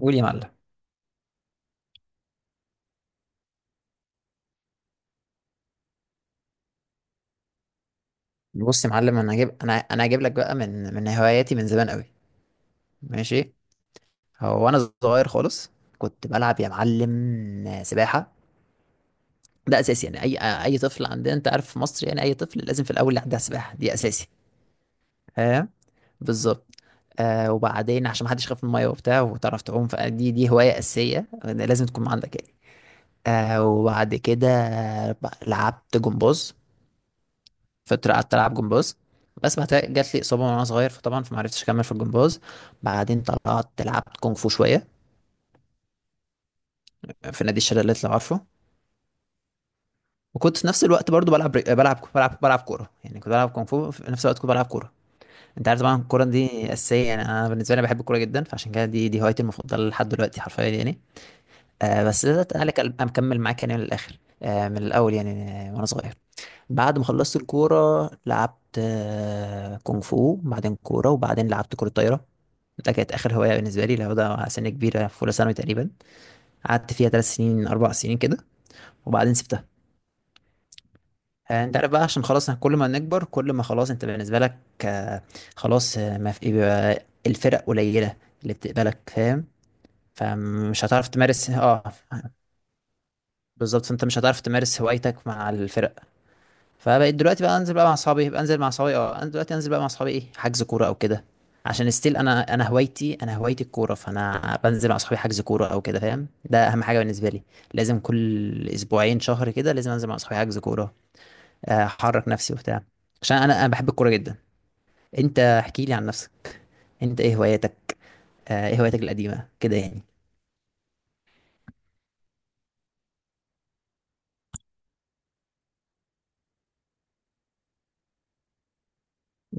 قول يا معلم. بص يا معلم، انا هجيب لك بقى من هواياتي من زمان قوي. ماشي. هو انا صغير خالص، كنت بلعب يا معلم سباحه. ده اساسي، يعني اي طفل عندنا، انت عارف في مصر، يعني اي طفل لازم في الاول يعدي على السباحه، دي اساسي. فاهم؟ بالظبط. آه وبعدين عشان ما حدش يخاف من الميه وبتاع وتعرف تعوم، فدي هوايه اساسيه لازم تكون عندك يعني. آه وبعد كده لعبت جمباز. فقعدت العب جمباز، بس بعد كده جات لي اصابه وانا صغير، فطبعا فما عرفتش اكمل في الجمباز. بعدين طلعت لعبت كونغ فو شويه، في نادي الشلالات لو عارفه. وكنت في نفس الوقت برضو بلعب كوره، يعني كنت بلعب كونغ فو في نفس الوقت كنت بلعب كوره. انت عارف طبعا الكوره دي اساسيه، يعني انا بالنسبه لي بحب الكوره جدا، فعشان كده دي هوايتي المفضله لحد دلوقتي حرفيا يعني. آه بس ده تعالى اكمل معاك يعني من الاخر، من الاول يعني. وانا صغير، بعد ما خلصت الكورة لعبت، كونغ فو، بعدين كورة، وبعدين لعبت كرة طايرة. ده كانت آخر هواية بالنسبة لي، لو ده على سن كبيرة، في أولى ثانوي تقريبا. قعدت فيها 3 سنين 4 سنين كده، وبعدين سبتها. أنت عارف بقى، عشان خلاص كل ما نكبر كل ما خلاص، أنت بالنسبة لك آه، خلاص، ما في، بيبقى الفرق قليلة اللي بتقبلك، فاهم؟ فمش هتعرف تمارس بالظبط، فأنت مش هتعرف تمارس هوايتك مع الفرق. فبقيت دلوقتي بقى انزل بقى مع اصحابي، بنزل مع اصحابي، انا دلوقتي انزل بقى مع اصحابي، ايه، حجز كوره او كده. عشان ستيل انا هوايتي، انا هوايتي الكوره، فانا بنزل مع اصحابي حجز كوره او كده. فاهم؟ ده اهم حاجه بالنسبه لي، لازم كل اسبوعين شهر كده لازم انزل مع اصحابي حجز كوره. احرك نفسي وبتاع، عشان انا بحب الكوره جدا. انت احكي لي عن نفسك، انت ايه هواياتك؟ ايه هواياتك القديمه كده يعني؟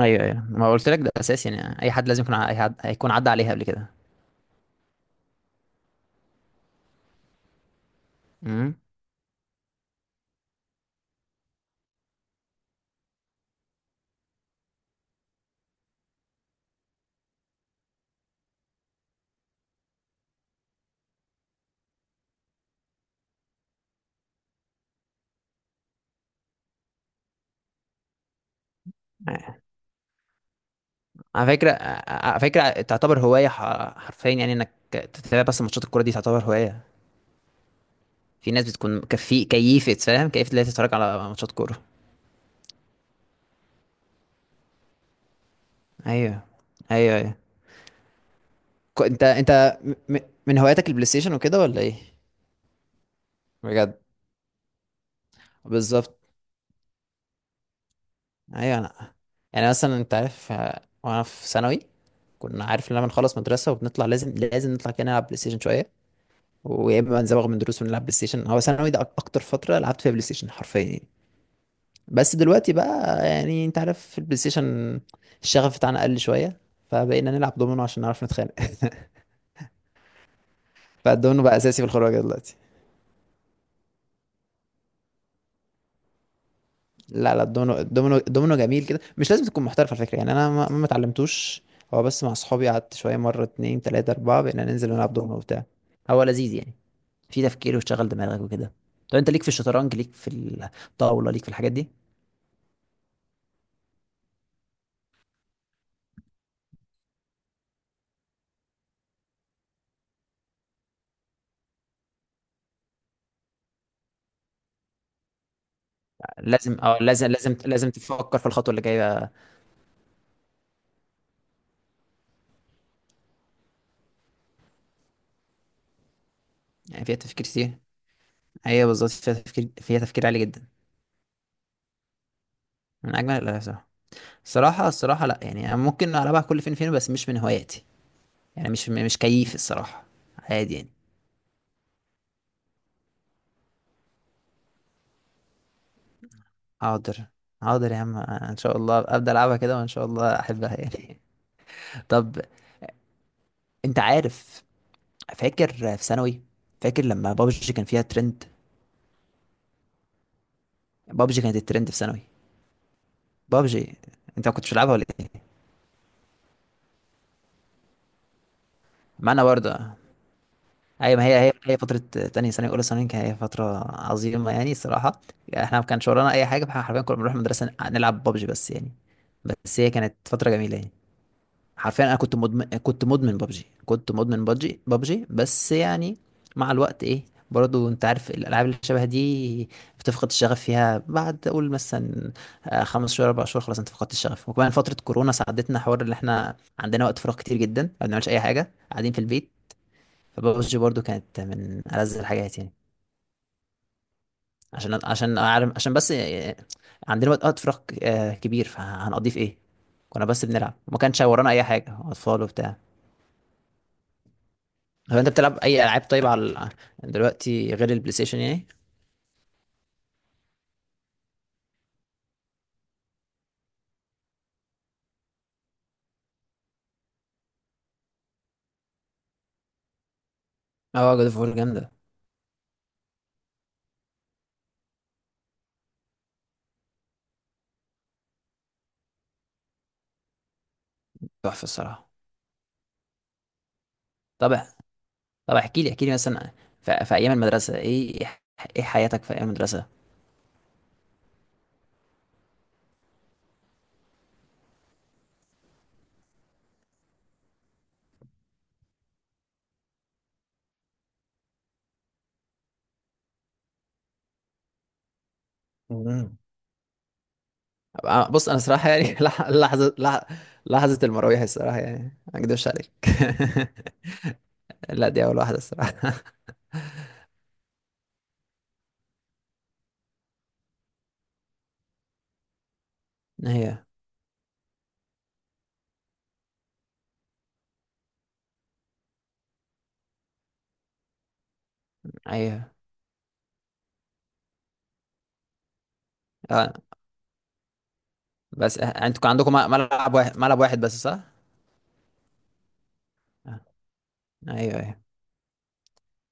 ايوه ايوه، ما قلت لك ده اساسي، يعني اي حد لازم اي حد هيكون عدى عليها قبل كده. امم. على فكرة على فكرة تعتبر هواية، حرفيا يعني، انك تتابع بس ماتشات الكورة دي تعتبر هواية. في ناس بتكون كيفة، فاهم، كيفة، اللي هي تتفرج على ماتشات كورة. ايوه ايوه ايوه. انت من هواياتك البلاي ستيشن وكده ولا ايه؟ بجد؟ بالظبط. ايوه انا. يعني مثلا انت عارف، وانا في ثانوي كنا، عارف، لما نخلص مدرسة وبنطلع لازم نطلع كده نلعب بلاي ستيشن شوية، ويا اما نزوغ من دروس ونلعب بلاي ستيشن. هو ثانوي ده اكتر فترة لعبت فيها بلاي ستيشن حرفيا. بس دلوقتي بقى يعني، انت عارف، في البلاي ستيشن الشغف بتاعنا قل شويه، فبقينا نلعب دومينو عشان نعرف نتخانق. فالدومينو بقى اساسي في الخروجه دلوقتي. لا لا، الدومينو جميل كده، مش لازم تكون محترف على فكره. يعني انا ما اتعلمتوش، هو بس مع اصحابي قعدت شويه، مره اتنين تلاته اربعه بقينا ننزل نلعب دومينو وبتاع. هو لذيذ يعني، في تفكير وشغل دماغك وكده. طب انت ليك في الشطرنج، ليك في الطاوله، ليك في الحاجات دي؟ لازم، لازم تفكر في الخطوه اللي جايه. يعني فيها تفكير كتير، هي بالظبط فيها تفكير، فيها تفكير عالي جدا. من اجمل الالعاب صراحه. الصراحه لا، يعني أنا ممكن العبها كل فين فين، بس مش من هواياتي. يعني مش كيف الصراحه، عادي يعني. حاضر، حاضر يا عم، ان شاء الله ابدا العبها كده وان شاء الله احبها يعني. طب، انت عارف، فاكر في ثانوي، فاكر لما بابجي كان فيها ترند؟ بابجي كانت الترند في ثانوي. بابجي. انت ما كنتش بتلعبها ولا ايه؟ ما انا برضه. ايوه، ما هي هي فتره تانية ثانوي اولى ثانوي، كانت هي فتره عظيمه يعني الصراحه. يعني احنا ما كانش ورانا اي حاجه، فاحنا حرفيا كنا بنروح المدرسه نلعب ببجي بس يعني. بس هي كانت فتره جميله يعني. حرفيا انا كنت مدمن ببجي بس يعني. مع الوقت ايه، برضو انت عارف الالعاب اللي شبه دي بتفقد الشغف فيها. بعد اقول مثلا، 5 شهور 4 شهور خلاص انت فقدت الشغف. وكمان فتره كورونا ساعدتنا، حوار اللي احنا عندنا وقت فراغ كتير جدا، ما بنعملش اي حاجه، قاعدين في البيت. فببجي برضو كانت من ألذ الحاجات يعني. عشان عشان أعرف عشان بس عندنا وقت فراغ كبير، فهنقضيه في ايه؟ كنا بس بنلعب، ما كانش ورانا اي حاجة، اطفال وبتاع. هو انت بتلعب اي العاب طيب دلوقتي غير البلاي ستيشن يعني؟ اه، جود اوف وور جامدة. تحفة الصراحة. طب، احكي لي مثلا، في ايام المدرسة ايه، ايه حياتك في ايام المدرسة؟ مم. بص انا صراحة يعني، لحظة لحظة المراويح الصراحة يعني، ما اكدبش عليك. لا دي اول واحده الصراحه. ايوه ايوه اه. بس انتوا كان عندكم ملعب واحد، ملعب واحد بس، صح؟ اه، ايوه ايوه،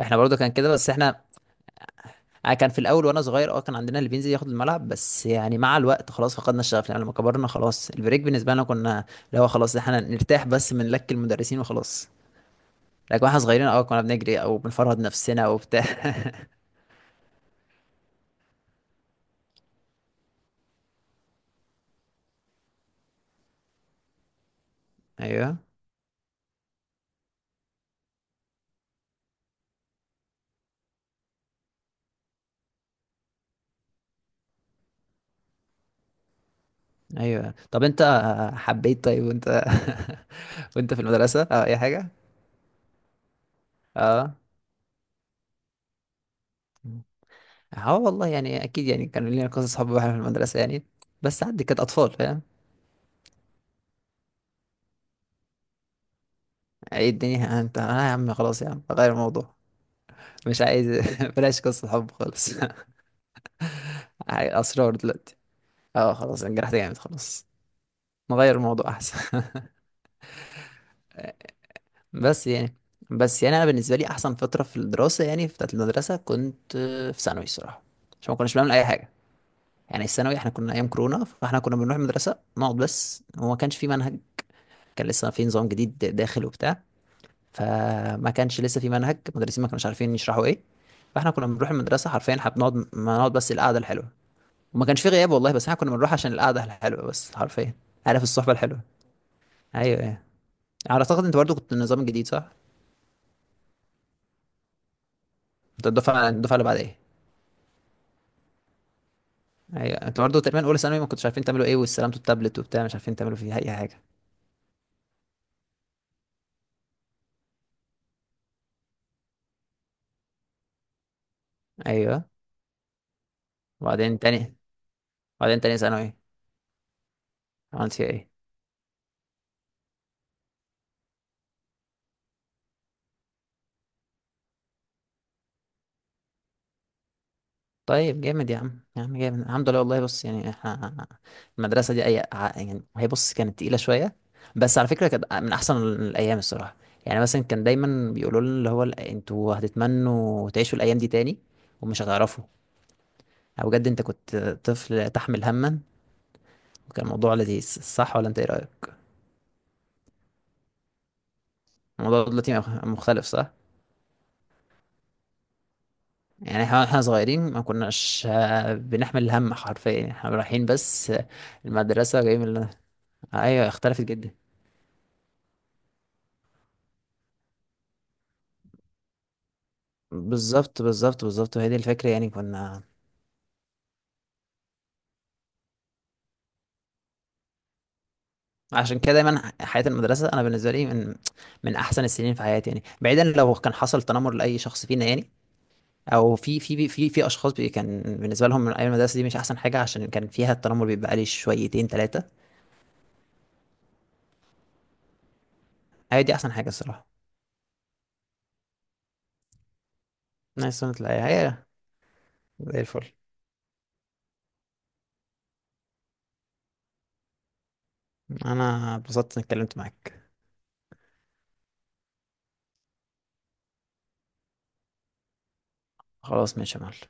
احنا برضو كان كده، بس احنا اه، كان في الاول وانا صغير، كان عندنا اللي بينزل ياخد الملعب، بس يعني مع الوقت خلاص فقدنا الشغف، يعني لما كبرنا خلاص البريك بالنسبه لنا كنا اللي هو خلاص احنا نرتاح بس من لك المدرسين وخلاص. لكن واحنا صغيرين كنا بنجري او بنفرهد نفسنا وبتاع. ايوه ايوه. طب انت حبيت؟ طيب وانت، وانت في المدرسه اي حاجه؟ اه، اه والله يعني اكيد، يعني كانوا لينا قصص حب واحنا في المدرسه يعني، بس عندي كانت اطفال، فاهم؟ ايه الدنيا انت، انا يا عم خلاص، يا عم غير الموضوع، مش عايز، بلاش قصه حب خالص. اسرار دلوقتي. اه خلاص، انجرحت جامد خلاص، نغير الموضوع احسن. بس يعني بس يعني انا بالنسبه لي احسن فتره في الدراسه، يعني في بتاعت المدرسه، كنت في ثانوي الصراحه، عشان ما كناش بنعمل اي حاجه. يعني الثانوي احنا كنا ايام كورونا، فاحنا كنا بنروح المدرسه نقعد بس، وما كانش في منهج، كان لسه في نظام جديد داخل وبتاع. فما كانش لسه في منهج، المدرسين ما كانوش عارفين يشرحوا ايه. فاحنا كنا بنروح المدرسه حرفيا، احنا بنقعد، ما نقعد بس القعده الحلوه. وما كانش في غياب والله، بس احنا كنا بنروح عشان القعده الحلوه بس حرفيا. عارف، الصحبه الحلوه. ايوه ايوه. على اعتقد انت برضو كنت النظام الجديد صح؟ انت الدفعه اللي بعد ايه. ايوه انت برضو تقريبا اولى ثانوي، ما كنتش عارفين تعملوا ايه، واستلمتوا التابلت وبتاع مش عارفين تعملوا فيه اي حاجه. ايوه. وبعدين تاني وبعدين تاني ثانوي عملت فيها ايه؟ طيب جامد يا عم، يا عم جامد، الحمد لله والله. بص يعني احنا المدرسة دي يعني، هي بص كانت تقيلة شوية، بس على فكرة كانت من أحسن الأيام الصراحة. يعني مثلا كان دايما بيقولوا لنا اللي هو انتوا هتتمنوا تعيشوا الأيام دي تاني ومش هتعرفوا. أو بجد انت كنت طفل تحمل هما، وكان الموضوع لذيذ، صح ولا انت ايه رأيك؟ الموضوع دلوقتي مختلف صح؟ يعني احنا صغيرين ما كناش بنحمل الهم حرفيا، احنا رايحين بس، المدرسة جايين من... ايوه اختلفت جدا. بالظبط بالظبط بالظبط، وهي دي الفكرة. يعني كنا، عشان كده دايما حياة المدرسة أنا بالنسبة لي من أحسن السنين في حياتي، يعني بعيدا لو كان حصل تنمر لأي شخص فينا يعني، أو في أشخاص بي كان بالنسبة لهم من أيام المدرسة دي مش أحسن حاجة عشان كان فيها التنمر بيبقى عليه شويتين تلاتة. هي دي أحسن حاجة الصراحة. نايس، سنة الحياة هي. زي الفل. أنا اتبسطت إني اتكلمت معاك. خلاص ماشي يا معلم.